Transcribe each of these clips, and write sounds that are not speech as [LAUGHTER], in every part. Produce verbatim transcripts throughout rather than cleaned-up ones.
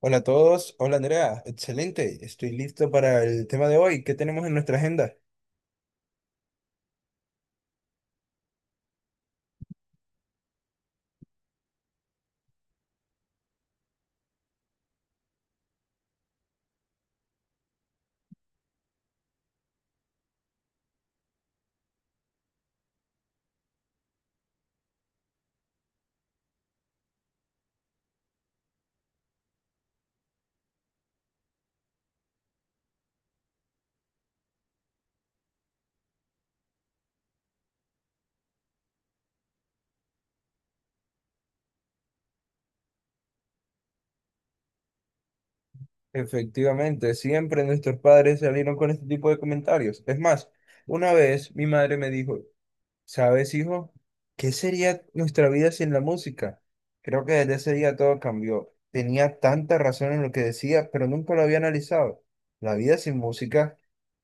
Hola a todos, hola Andrea, excelente, estoy listo para el tema de hoy. ¿Qué tenemos en nuestra agenda? Efectivamente, siempre nuestros padres salieron con este tipo de comentarios. Es más, una vez mi madre me dijo, ¿sabes, hijo? ¿Qué sería nuestra vida sin la música? Creo que desde ese día todo cambió. Tenía tanta razón en lo que decía, pero nunca lo había analizado. La vida sin música,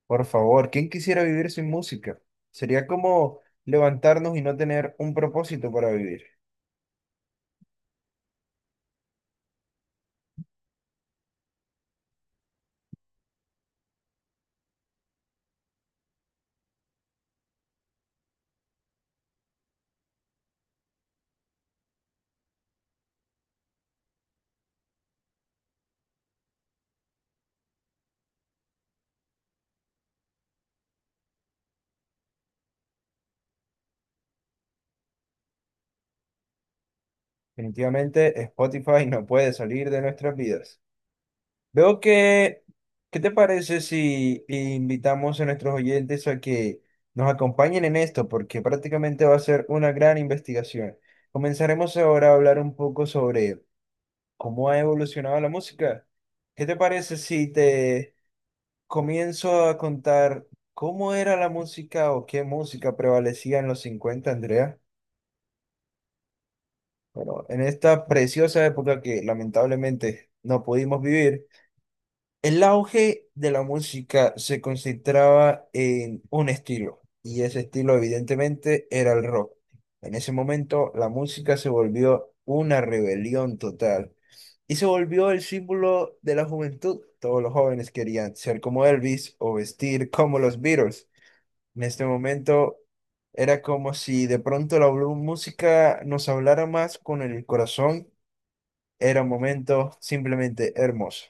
por favor, ¿quién quisiera vivir sin música? Sería como levantarnos y no tener un propósito para vivir. Definitivamente Spotify no puede salir de nuestras vidas. Veo que, ¿qué te parece si invitamos a nuestros oyentes a que nos acompañen en esto? Porque prácticamente va a ser una gran investigación. Comenzaremos ahora a hablar un poco sobre cómo ha evolucionado la música. ¿Qué te parece si te comienzo a contar cómo era la música o qué música prevalecía en los cincuenta, Andrea? Bueno, en esta preciosa época que lamentablemente no pudimos vivir, el auge de la música se concentraba en un estilo, y ese estilo evidentemente era el rock. En ese momento la música se volvió una rebelión total y se volvió el símbolo de la juventud. Todos los jóvenes querían ser como Elvis o vestir como los Beatles. En este momento era como si de pronto la blu- música nos hablara más con el corazón, era un momento simplemente hermoso.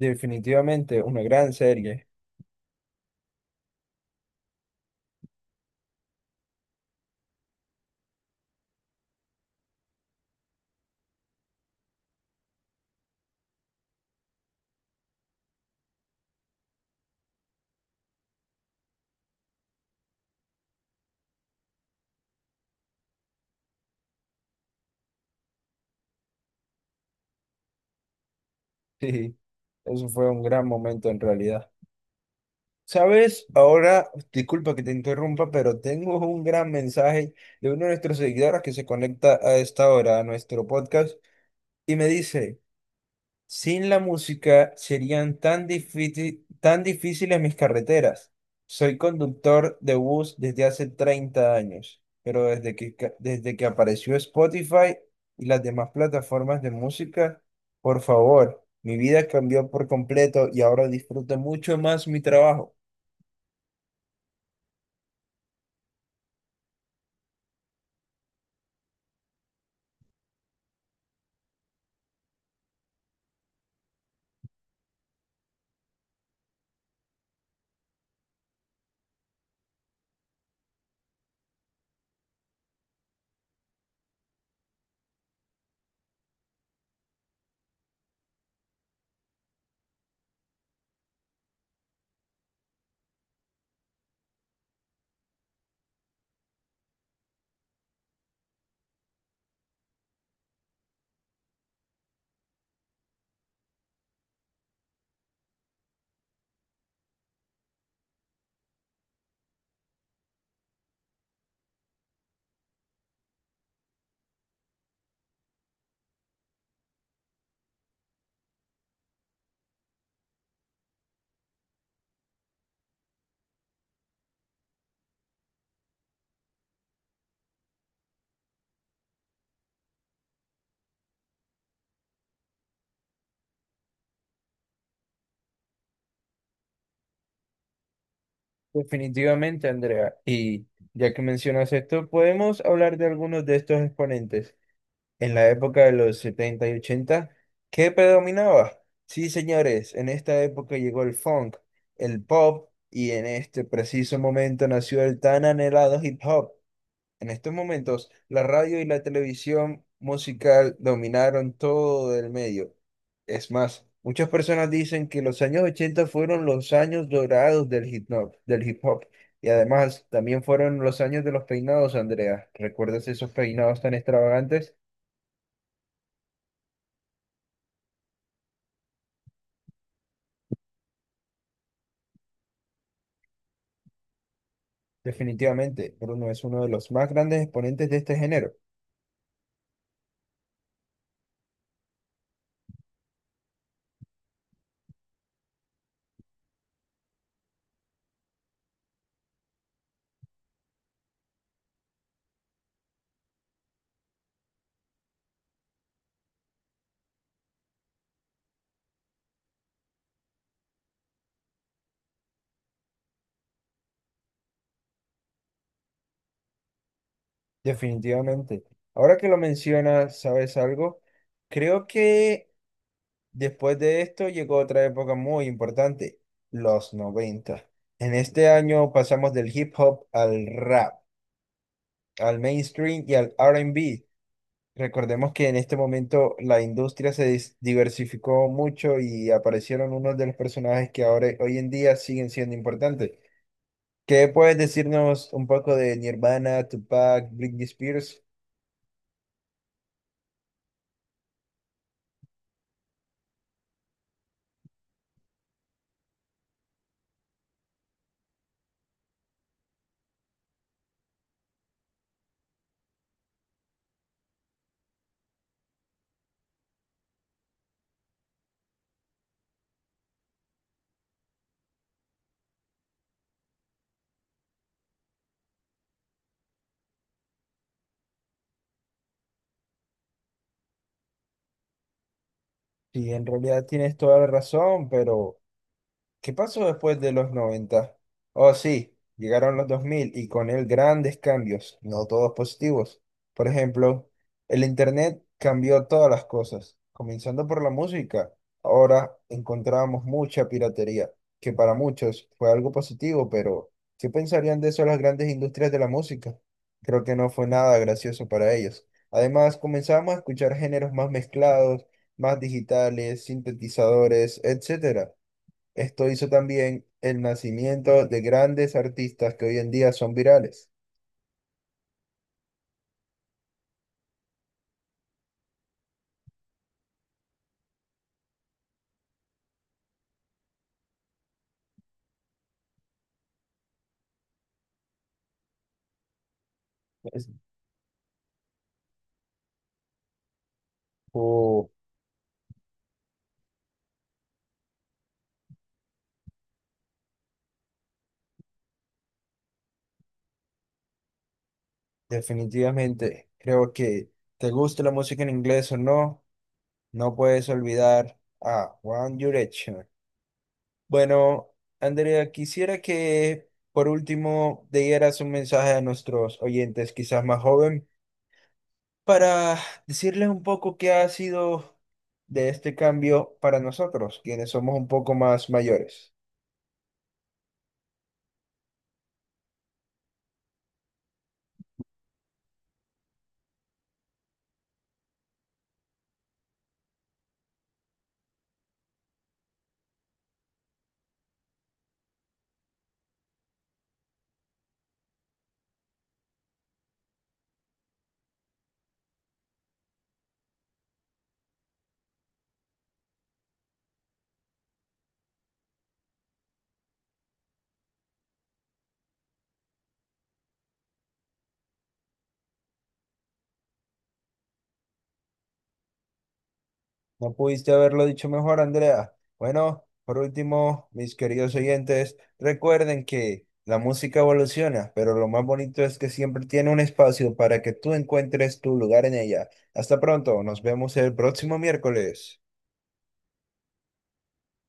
Definitivamente una gran serie. [LAUGHS] Sí, eso fue un gran momento en realidad. ¿Sabes? Ahora, disculpa que te interrumpa, pero tengo un gran mensaje de uno de nuestros seguidores que se conecta a esta hora a nuestro podcast y me dice... Sin la música serían tan difícil- tan difíciles mis carreteras. Soy conductor de bus desde hace treinta años, pero desde que, ca- desde que apareció Spotify y las demás plataformas de música, por favor, mi vida cambió por completo y ahora disfruto mucho más mi trabajo. Definitivamente, Andrea. Y ya que mencionas esto, podemos hablar de algunos de estos exponentes. En la época de los setenta y ochenta, ¿qué predominaba? Sí, señores, en esta época llegó el funk, el pop, y en este preciso momento nació el tan anhelado hip hop. En estos momentos, la radio y la televisión musical dominaron todo el medio. Es más, muchas personas dicen que los años ochenta fueron los años dorados del hip hop, del hip hop. Y además, también fueron los años de los peinados, Andrea. ¿Recuerdas esos peinados tan extravagantes? Definitivamente, Bruno es uno de los más grandes exponentes de este género. Definitivamente. Ahora que lo mencionas, ¿sabes algo? Creo que después de esto llegó otra época muy importante, los noventa. En este año pasamos del hip hop al rap, al mainstream y al R and B. Recordemos que en este momento la industria se dis- diversificó mucho y aparecieron unos de los personajes que ahora hoy en día siguen siendo importantes. ¿Qué puedes decirnos un poco de Nirvana, Tupac, Britney Spears? Sí, en realidad tienes toda la razón, pero ¿qué pasó después de los noventa? Oh, sí, llegaron los dos mil y con él grandes cambios, no todos positivos. Por ejemplo, el Internet cambió todas las cosas, comenzando por la música. Ahora encontramos mucha piratería, que para muchos fue algo positivo, pero ¿qué pensarían de eso las grandes industrias de la música? Creo que no fue nada gracioso para ellos. Además, comenzamos a escuchar géneros más mezclados, más digitales, sintetizadores, etcétera. Esto hizo también el nacimiento de grandes artistas que hoy en día son virales. Es- o Definitivamente, creo que te gusta la música en inglés o no, no puedes olvidar a One Direction. Bueno, Andrea, quisiera que por último dieras un mensaje a nuestros oyentes, quizás más joven, para decirles un poco qué ha sido de este cambio para nosotros, quienes somos un poco más mayores. No pudiste haberlo dicho mejor, Andrea. Bueno, por último, mis queridos oyentes, recuerden que la música evoluciona, pero lo más bonito es que siempre tiene un espacio para que tú encuentres tu lugar en ella. Hasta pronto, nos vemos el próximo miércoles.